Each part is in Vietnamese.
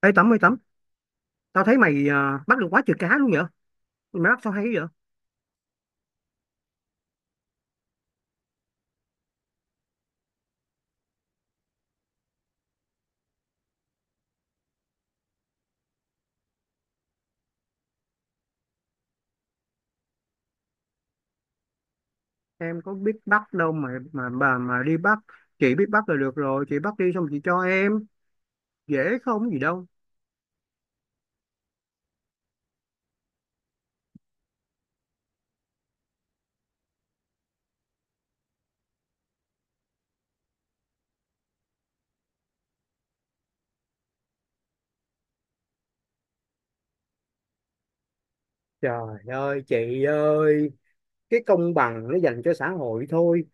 Ê Tấm ơi Tấm, tao thấy mày bắt được quá trời cá luôn vậy? Mày bắt sao hay vậy? Em có biết bắt đâu mà bà mà đi bắt, chị biết bắt là được rồi, chị bắt đi xong chị cho em, dễ không gì đâu. Trời ơi chị ơi, cái công bằng nó dành cho xã hội thôi.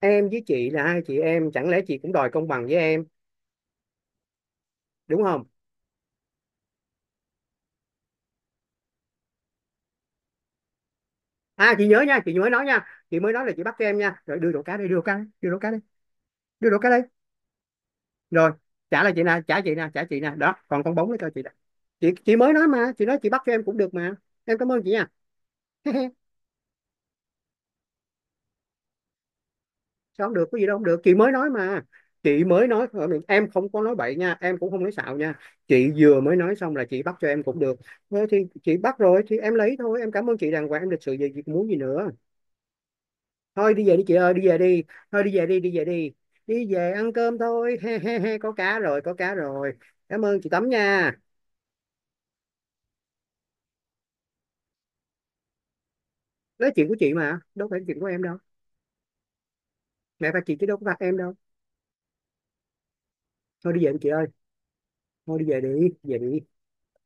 Em với chị là hai chị em, chẳng lẽ chị cũng đòi công bằng với em, đúng không? À chị nhớ nha, chị mới nói nha, chị mới nói là chị bắt cho em nha. Rồi đưa đồ cá đây, đưa đồ cá, đây, đưa đồ cá đây, đưa đồ cá đây. Rồi trả lại chị nè, trả chị nè, trả chị nè, đó còn con bóng nó cho chị nè. Chị mới nói mà, chị nói chị bắt cho em cũng được mà. Em cảm ơn chị nha. Sao không được, có gì đâu, không được chị mới nói mà, chị mới nói. Em không có nói bậy nha, em cũng không nói xạo nha. Chị vừa mới nói xong là chị bắt cho em cũng được, thế thì chị bắt rồi thì em lấy thôi. Em cảm ơn chị đàng hoàng, em lịch sự về việc muốn gì nữa. Thôi đi về đi chị ơi, đi về đi. Thôi đi về đi, đi về đi. Đi về ăn cơm thôi, he he he, có cá rồi, có cá rồi. Cảm ơn chị Tấm nha. Đó là chuyện của chị mà, đâu phải chuyện của em đâu. Mẹ và chị chứ đâu có phạt em đâu. Thôi đi về đi chị ơi. Thôi đi về, đi về đi.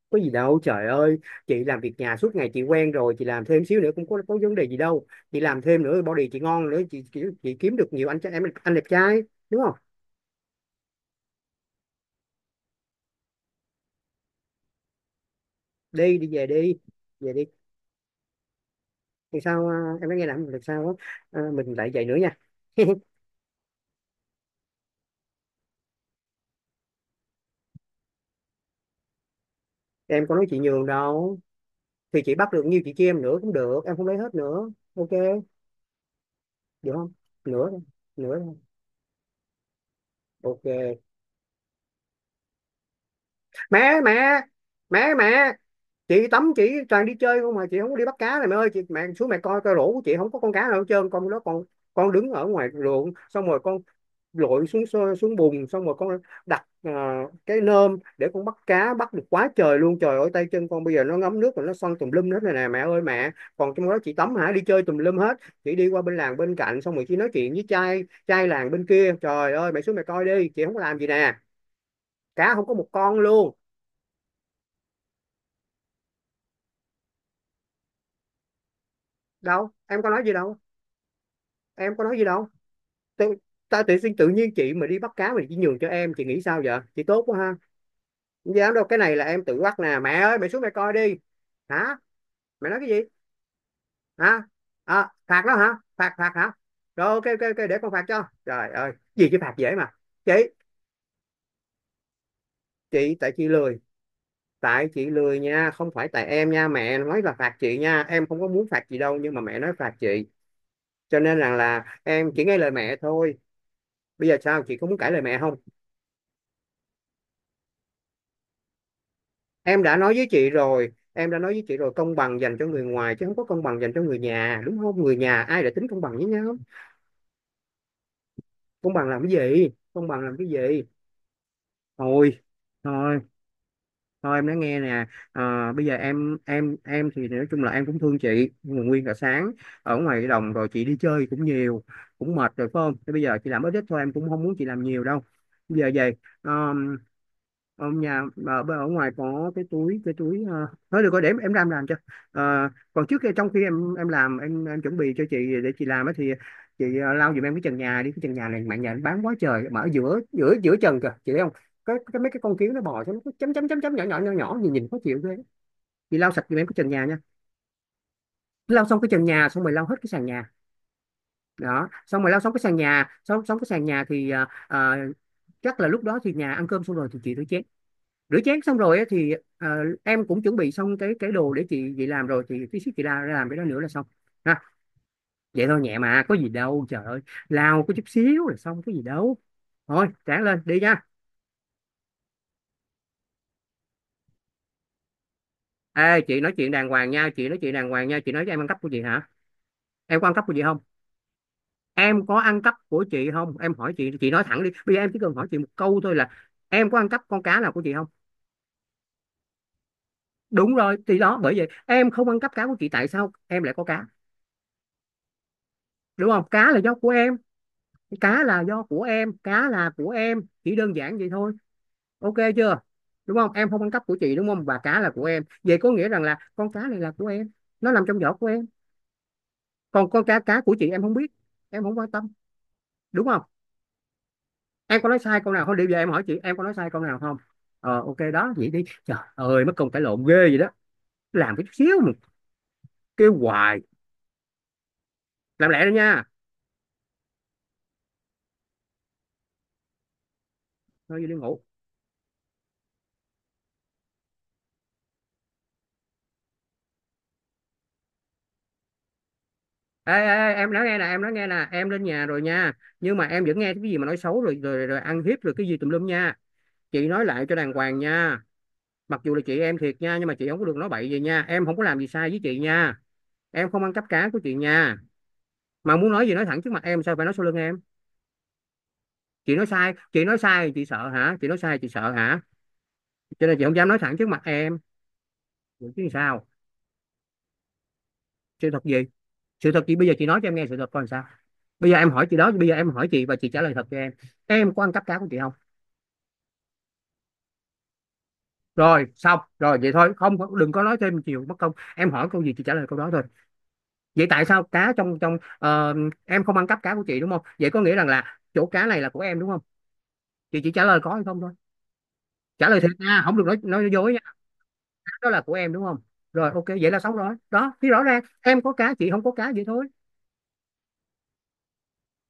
Có gì đâu trời ơi. Chị làm việc nhà suốt ngày chị quen rồi, chị làm thêm xíu nữa cũng có vấn đề gì đâu. Chị làm thêm nữa body chị ngon nữa, chị kiếm được nhiều anh trai- em anh đẹp trai, đúng không? Đi đi về đi, về đi. Thì sao em nói nghe nè, lần sau mình lại vậy nữa nha. Em có nói chị nhường đâu, thì chị bắt được nhiêu chị chia em nữa cũng được, em không lấy hết nữa. Ok, được không? Nửa thôi, nửa thôi. Ok. Mẹ mẹ, mẹ mẹ, chị tắm chị toàn đi chơi không mà chị không có đi bắt cá này mẹ ơi. Chị mẹ xuống mẹ coi coi rổ của chị không có con cá nào hết trơn. Con đó con đứng ở ngoài ruộng xong rồi con lội xuống xuống bùn xong rồi con đặt cái nơm để con bắt cá, bắt được quá trời luôn. Trời ơi tay chân con bây giờ nó ngấm nước rồi nó xoăn tùm lum hết này nè mẹ ơi mẹ. Còn trong đó chị tắm hả, đi chơi tùm lum hết. Chị đi qua bên làng bên cạnh xong rồi chị nói chuyện với trai trai làng bên kia. Trời ơi mẹ xuống mẹ coi đi, chị không có làm gì nè, cá không có một con luôn. Đâu em có nói gì đâu, em có nói gì đâu. Tự, ta tự sinh tự nhiên chị mà đi bắt cá mà chỉ nhường cho em, chị nghĩ sao vậy, chị tốt quá ha. Không dám đâu, cái này là em tự bắt nè mẹ ơi, mẹ xuống mẹ coi đi. Hả? Mẹ nói cái gì? Hả? Phạt đó hả? Phạt, phạt hả? Rồi ok ok ok, để con phạt cho. Trời ơi gì chứ phạt dễ mà. chị chị tại chị lười. Tại chị lười nha, không phải tại em nha. Mẹ nói là phạt chị nha, em không có muốn phạt chị đâu nhưng mà mẹ nói phạt chị, cho nên rằng là em chỉ nghe lời mẹ thôi. Bây giờ sao chị có muốn cãi lời mẹ không? Em đã nói với chị rồi, em đã nói với chị rồi, công bằng dành cho người ngoài chứ không có công bằng dành cho người nhà, đúng không? Người nhà ai đã tính công bằng với nhau. Công bằng làm cái gì, công bằng làm cái gì. Thôi, thôi, thôi em nói nghe nè. Bây giờ em thì nói chung là em cũng thương chị nhưng mà nguyên cả sáng ở ngoài cái đồng rồi chị đi chơi cũng nhiều, cũng mệt rồi phải không? Thế bây giờ chị làm ít ít thôi, em cũng không muốn chị làm nhiều đâu. Bây giờ về ông nhà ở ngoài có cái túi, cái túi thôi được rồi để em làm cho. Còn trước khi trong khi em làm, em chuẩn bị cho chị để chị làm á, thì chị lau giùm em cái trần nhà đi. Cái trần nhà này mạng nhà nó bám quá trời mà, ở giữa giữa giữa trần kìa chị thấy không? Cái mấy cái con kiến nó bò cho nó cứ chấm chấm chấm chấm nhỏ nhỏ nhỏ nhỏ, nhìn nhìn khó chịu ghê. Chị lau sạch giùm em cái trần nhà nha. Lau xong cái trần nhà xong rồi lau hết cái sàn nhà đó. Xong rồi lau xong cái sàn nhà, xong xong cái sàn nhà thì chắc là lúc đó thì nhà ăn cơm xong rồi thì chị tới chén, rửa chén xong rồi á thì em cũng chuẩn bị xong cái đồ để chị làm rồi, thì tí xíu chị ra ra làm cái đó nữa là xong ha. Vậy thôi nhẹ mà, có gì đâu trời ơi. Lao có chút xíu là xong, có gì đâu. Thôi sáng lên đi nha. Ê chị nói chuyện đàng hoàng nha, chị nói chuyện đàng hoàng nha, chị nói cho em ăn cắp của chị hả? Em có ăn cắp của chị không? Em có ăn cắp của chị không, em hỏi chị nói thẳng đi. Bây giờ em chỉ cần hỏi chị một câu thôi là em có ăn cắp con cá nào của chị không. Đúng rồi thì đó, bởi vậy em không ăn cắp cá của chị, tại sao em lại có cá? Đúng không, cá là do của em. Cá là do của em, cá là của em, chỉ đơn giản vậy thôi. Ok chưa? Đúng không, em không ăn cắp của chị đúng không, và cá là của em, vậy có nghĩa rằng là con cá này là của em, nó nằm trong vỏ của em. Còn con cá cá của chị em không biết, em không quan tâm. Đúng không? Em có nói sai câu nào không, điều giờ em hỏi chị, em có nói sai câu nào không? Ờ ok, đó vậy đi. Trời ơi mất công cãi lộn ghê vậy đó, làm cái chút xíu mà kêu hoài. Làm lẹ đi nha. Thôi đi ngủ. Ê ê, em nói nghe nè, em nói nghe nè, em lên nhà rồi nha nhưng mà em vẫn nghe cái gì mà nói xấu rồi rồi rồi ăn hiếp rồi cái gì tùm lum nha. Chị nói lại cho đàng hoàng nha. Mặc dù là chị em thiệt nha nhưng mà chị không có được nói bậy gì nha, em không có làm gì sai với chị nha, em không ăn cắp cá của chị nha. Mà muốn nói gì nói thẳng trước mặt em, sao phải nói sau lưng em. Chị nói sai, chị nói sai chị sợ hả? Chị nói sai chị sợ hả? Cho nên chị không dám nói thẳng trước mặt em. Vậy chứ sao. Sự thật gì? Sự thật chị bây giờ chị nói cho em nghe sự thật coi làm sao. Bây giờ em hỏi chị đó, bây giờ em hỏi chị và chị trả lời thật cho em. Em có ăn cắp cá của chị không? Rồi xong rồi vậy thôi, không đừng có nói thêm chiều mất công, em hỏi câu gì chị trả lời câu đó thôi. Vậy tại sao cá trong trong ờ, em không ăn cắp cá của chị đúng không, vậy có nghĩa rằng là chỗ cá này là của em đúng không. Chị chỉ trả lời có hay không thôi. Trả lời thiệt nha, không được nói dối nha. Cá đó là của em đúng không? Rồi ok vậy là xong rồi đó, thì rõ ràng em có cá chị không có cá, vậy thôi.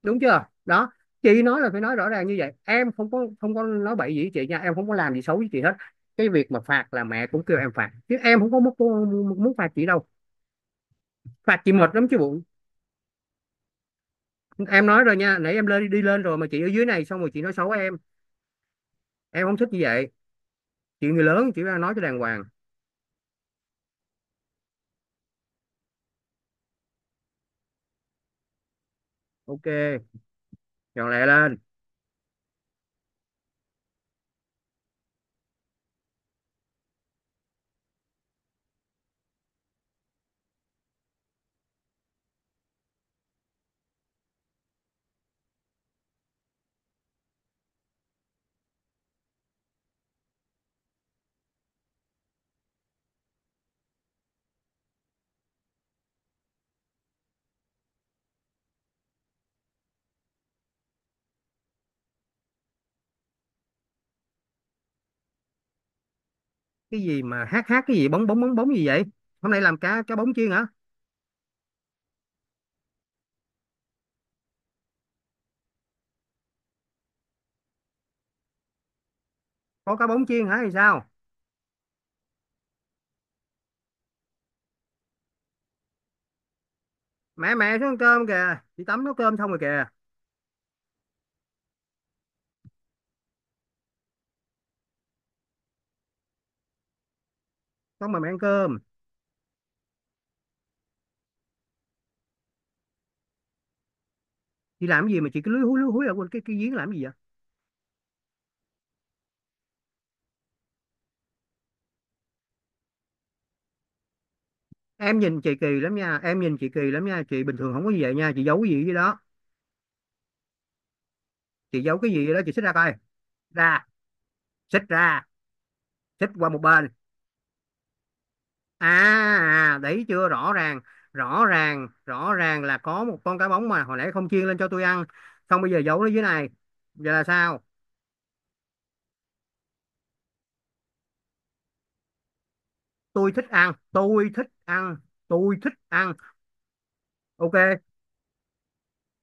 Đúng chưa đó. Chị nói là phải nói rõ ràng như vậy, em không có, không có nói bậy gì với chị nha, em không có làm gì xấu với chị hết. Cái việc mà phạt là mẹ cũng kêu em phạt chứ em không có muốn muốn phạt chị đâu. Phạt chị mệt lắm chứ bộ. Em nói rồi nha, nãy em lên đi lên rồi mà chị ở dưới này xong rồi chị nói xấu Em không thích như vậy. Chuyện người lớn chỉ ra nói cho đàng hoàng. Ok, dọn lẹ lên. Cái gì mà hát hát cái gì bóng bóng bóng bóng gì vậy? Hôm nay làm cá cá bóng chiên hả? Có cá bóng chiên hả thì sao? Mẹ, mẹ xuống ăn cơm kìa, chị tắm nấu cơm xong rồi kìa. Xong mà mẹ ăn cơm. Chị làm cái gì mà chị cứ lúi húi ở quên cái giếng làm cái gì vậy? Em nhìn chị kỳ lắm nha, em nhìn chị kỳ lắm nha, chị bình thường không có gì vậy nha, chị giấu cái gì vậy đó? Chị giấu cái gì vậy đó? Chị xích ra coi, ra, xích ra, xích qua một bên. À. Đấy chưa rõ ràng, rõ ràng là có một con cá bóng mà hồi nãy không chiên lên cho tôi ăn, xong bây giờ giấu nó dưới này. Giờ là sao? Tôi thích ăn, tôi thích ăn, tôi thích ăn. Ok,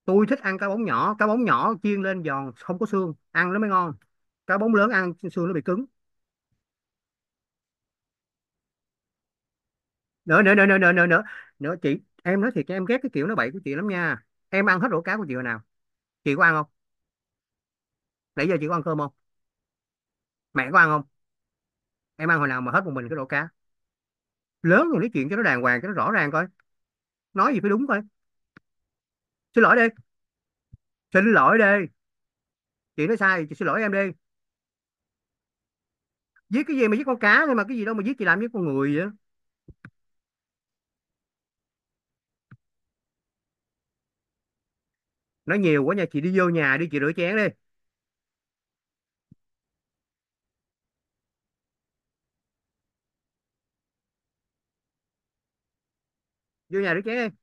tôi thích ăn cá bóng nhỏ, cá bóng nhỏ chiên lên giòn không có xương ăn nó mới ngon. Cá bóng lớn ăn xương nó bị cứng. Nữa, nữa, nữa, nữa, nữa, nữa, nữa, nữa chị. Em nói thiệt cho em ghét cái kiểu nói bậy của chị lắm nha. Em ăn hết rổ cá của chị hồi nào? Chị có ăn không? Nãy giờ chị có ăn cơm không? Mẹ có ăn không? Em ăn hồi nào mà hết một mình cái rổ cá? Lớn rồi nói chuyện cho nó đàng hoàng cho nó rõ ràng coi, nói gì phải đúng coi. Xin lỗi đi, xin lỗi đi, chị nói sai chị xin lỗi em đi. Giết cái gì mà giết? Con cá thôi mà, cái gì đâu mà giết, chị làm giết con người vậy. Nói nhiều quá nha, chị đi vô nhà đi, chị rửa chén đi. Vô nhà rửa chén đi.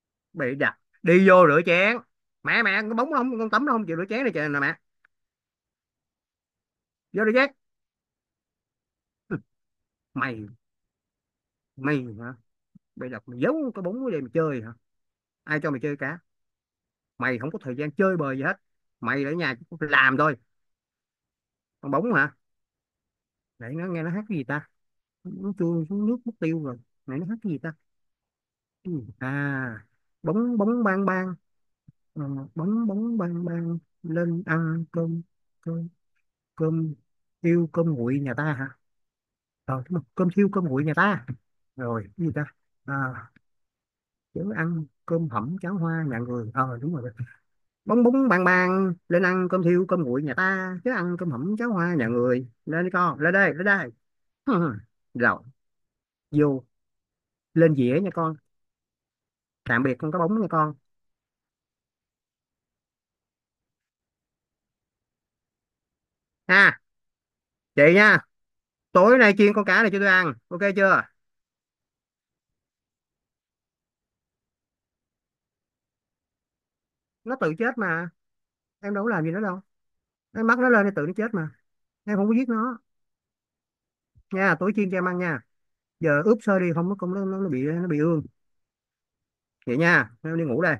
Bị đặt đi vô rửa chén. Mẹ, mẹ, con bóng nó không, con tắm nó không chịu rửa chén này trời nè mẹ. Vô rửa chén. Mày, mày hả? Bị đặt mày giấu cái bóng đây mà chơi hả? Ai cho mày chơi cá? Mày không có thời gian chơi bời gì hết, mày ở nhà chỉ làm thôi. Con bóng hả? Nãy nó nghe nó hát cái gì ta? Nó trôi xuống nước mất tiêu rồi. Nãy nó hát cái gì ta? Cái à, bóng bóng bang bang. Ờ, bóng bóng bang bang lên ăn cơm, cơm, cơm thiêu cơm nguội nhà ta hả? Ờ đúng rồi, cơm thiêu cơm nguội nhà ta, rồi cái gì ta? À, chớ ăn cơm hẩm cháo hoa nhà người, ờ đúng rồi. Bóng bóng bang bang lên ăn cơm thiêu cơm nguội nhà ta, chớ ăn cơm hẩm cháo hoa nhà người, lên đi con, lên đây, lên đây. Rồi, vô, lên dĩa nha con. Tạm biệt con cá bóng nha con. Ha, chị nha, tối nay chiên con cá này cho tôi ăn, ok chưa? Nó tự chết mà, em đâu có làm gì nó đâu, em bắt nó lên thì tự nó chết mà, em không có giết nó. Nha, tối chiên cho em ăn nha. Giờ ướp sơ đi không nó cũng nó bị bị ương. Vậy nha, em đi ngủ đây,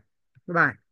bye bye.